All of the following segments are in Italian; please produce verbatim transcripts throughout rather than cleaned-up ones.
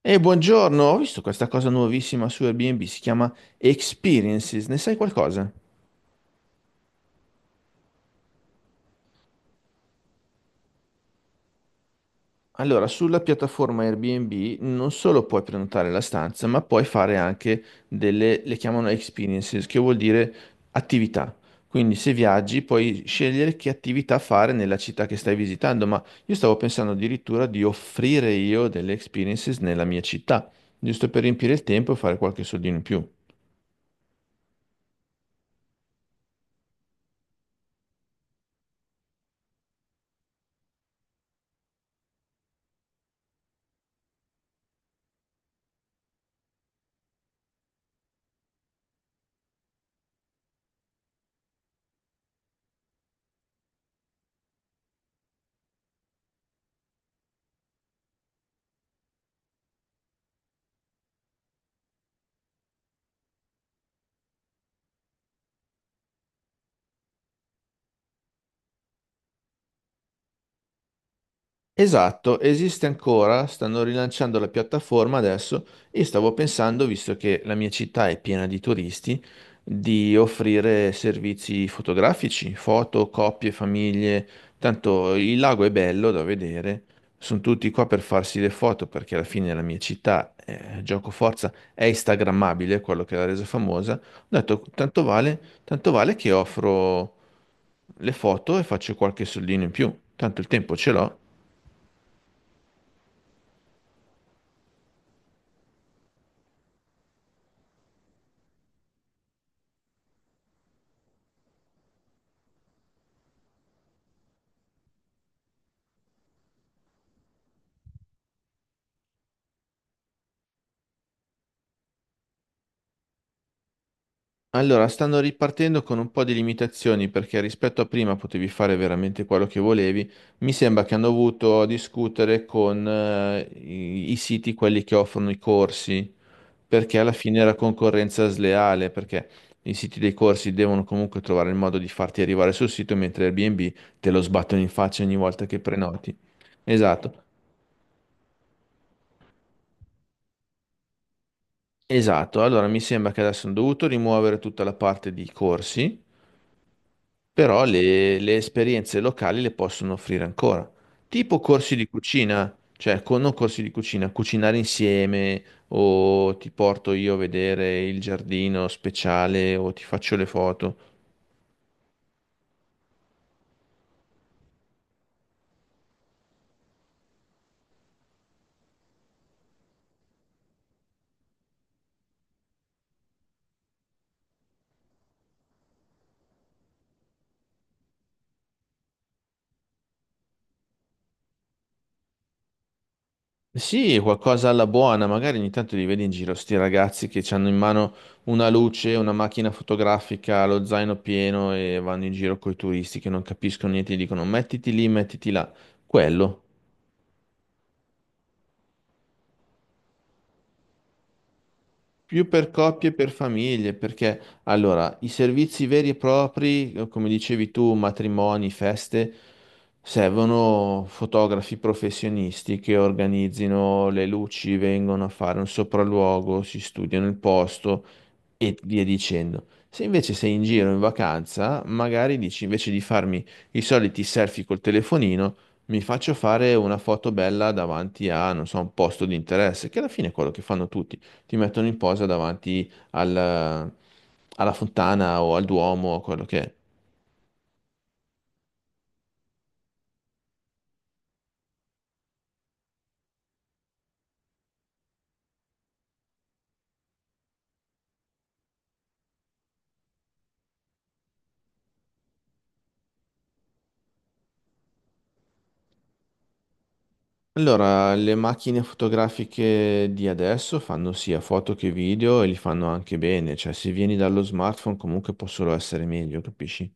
E buongiorno, ho visto questa cosa nuovissima su Airbnb, si chiama Experiences, ne sai qualcosa? Allora, sulla piattaforma Airbnb non solo puoi prenotare la stanza, ma puoi fare anche delle, le chiamano Experiences, che vuol dire attività. Quindi se viaggi puoi scegliere che attività fare nella città che stai visitando, ma io stavo pensando addirittura di offrire io delle Experiences nella mia città, giusto per riempire il tempo e fare qualche soldino in più. Esatto, esiste ancora, stanno rilanciando la piattaforma adesso e stavo pensando, visto che la mia città è piena di turisti, di offrire servizi fotografici, foto, coppie, famiglie. Tanto il lago è bello da vedere, sono tutti qua per farsi le foto perché alla fine la mia città, eh, gioco forza, è instagrammabile, quello che l'ha resa famosa. Ho detto, tanto vale, tanto vale che offro le foto e faccio qualche soldino in più, tanto il tempo ce l'ho. Allora, stanno ripartendo con un po' di limitazioni perché rispetto a prima potevi fare veramente quello che volevi. Mi sembra che hanno dovuto discutere con eh, i, i siti, quelli che offrono i corsi, perché alla fine era concorrenza sleale, perché i siti dei corsi devono comunque trovare il modo di farti arrivare sul sito, mentre Airbnb te lo sbattono in faccia ogni volta che prenoti. Esatto, esatto. Allora, mi sembra che adesso hanno dovuto rimuovere tutta la parte di corsi però le, le esperienze locali le possono offrire ancora, tipo corsi di cucina, cioè con, non corsi di cucina, cucinare insieme o ti porto io a vedere il giardino speciale o ti faccio le foto. Sì, qualcosa alla buona, magari ogni tanto li vedi in giro, sti ragazzi che hanno in mano una luce, una macchina fotografica, lo zaino pieno e vanno in giro coi turisti che non capiscono niente, e dicono mettiti lì, mettiti là. Quello. Più per coppie e per famiglie, perché allora i servizi veri e propri, eh, come dicevi tu, matrimoni, feste, servono fotografi professionisti che organizzino le luci, vengono a fare un sopralluogo, si studiano il posto e via dicendo. Se invece sei in giro in vacanza, magari dici invece di farmi i soliti selfie col telefonino, mi faccio fare una foto bella davanti a, non so, un posto di interesse, che alla fine è quello che fanno tutti ti mettono in posa davanti al- alla fontana o al Duomo o quello che è. Allora, le macchine fotografiche di adesso fanno sia foto che video e li fanno anche bene, cioè se vieni dallo smartphone comunque può solo essere meglio, capisci?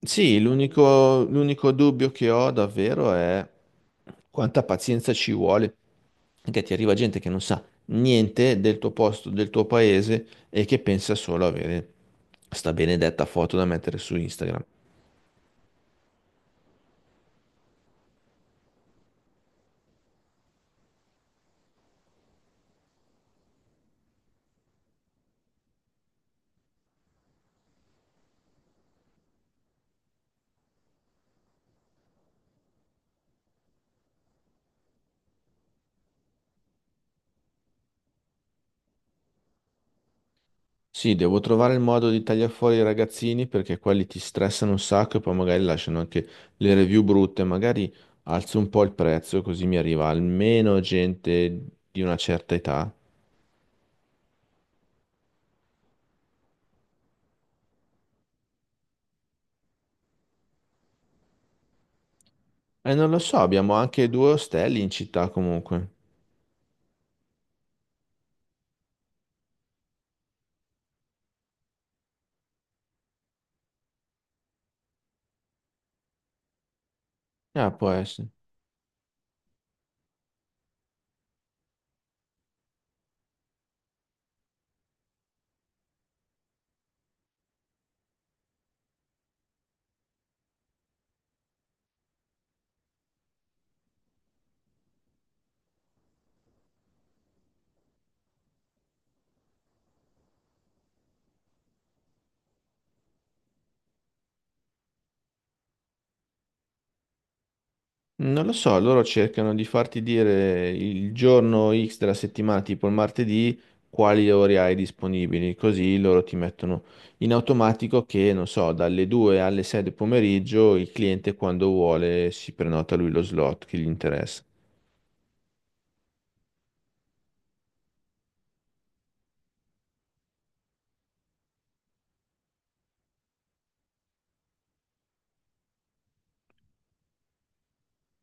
Sì, l'unico l'unico dubbio che ho davvero è quanta pazienza ci vuole, perché ti arriva gente che non sa niente del tuo posto, del tuo paese e che pensa solo avere sta benedetta foto da mettere su Instagram. Sì, devo trovare il modo di tagliare fuori i ragazzini perché quelli ti stressano un sacco e poi magari lasciano anche le review brutte. Magari alzo un po' il prezzo così mi arriva almeno gente di una certa età. E non lo so, abbiamo anche due ostelli in città comunque. Ah, può essere. Non lo so, loro cercano di farti dire il giorno X della settimana, tipo il martedì, quali ore hai disponibili, così loro ti mettono in automatico che, non so, dalle due alle sei del pomeriggio il cliente quando vuole si prenota lui lo slot che gli interessa.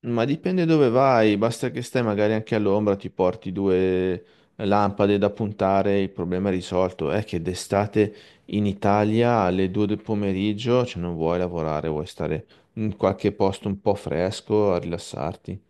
Ma dipende dove vai, basta che stai magari anche all'ombra, ti porti due lampade da puntare, il problema è risolto. È che d'estate in Italia alle due del pomeriggio, cioè non vuoi lavorare, vuoi stare in qualche posto un po' fresco a rilassarti.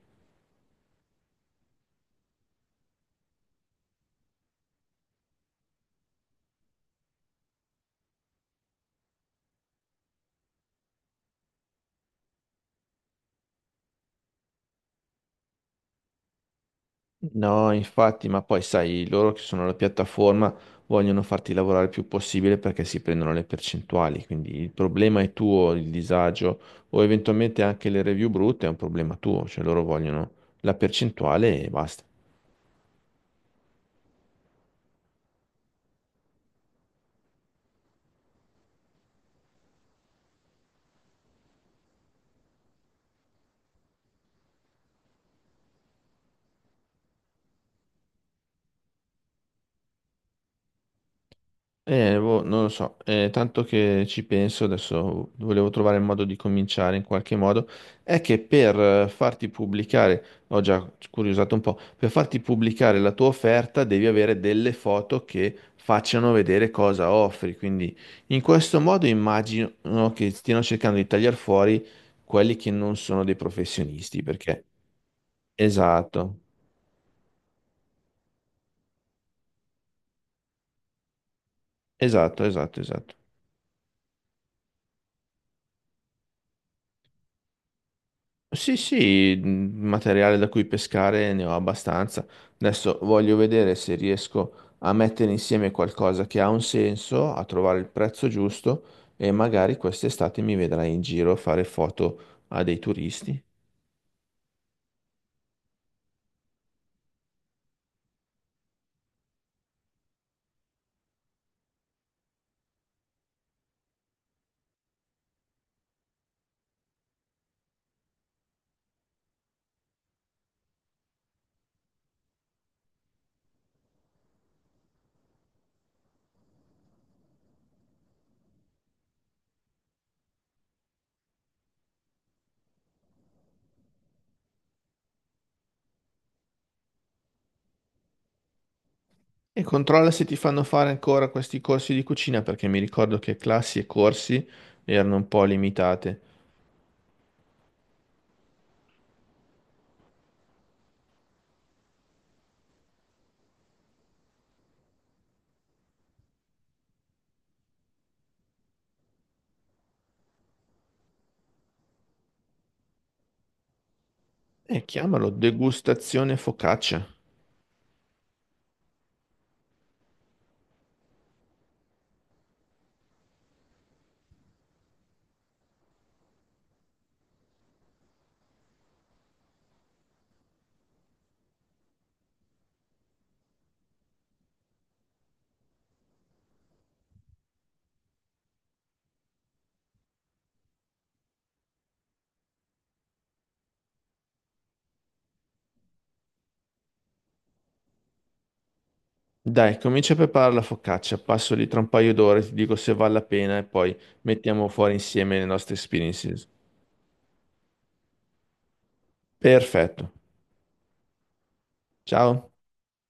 No, infatti, ma poi sai, loro che sono la piattaforma vogliono farti lavorare il più possibile perché si prendono le percentuali, quindi il problema è tuo, il disagio o eventualmente anche le review brutte è un problema tuo, cioè loro vogliono la percentuale e basta. Eh, boh, non lo so. Eh, tanto che ci penso, adesso volevo trovare il modo di cominciare in qualche modo, è che per eh, farti pubblicare, ho già curiosato un po', per farti pubblicare la tua offerta devi avere delle foto che facciano vedere cosa offri, quindi in questo modo immagino che stiano cercando di tagliare fuori quelli che non sono dei professionisti, perché... Esatto, esatto, esatto, esatto. Sì, sì, mh, materiale da cui pescare ne ho abbastanza. Adesso voglio vedere se riesco a mettere insieme qualcosa che ha un senso, a trovare il prezzo giusto e magari quest'estate mi vedrai in giro a fare foto a dei turisti. E controlla se ti fanno fare ancora questi corsi di cucina perché mi ricordo che classi e corsi erano un po' limitate. E chiamalo degustazione focaccia. Dai, comincia a preparare la focaccia, passo lì tra un paio d'ore, ti dico se vale la pena e poi mettiamo fuori insieme le nostre experiences. Perfetto. Ciao.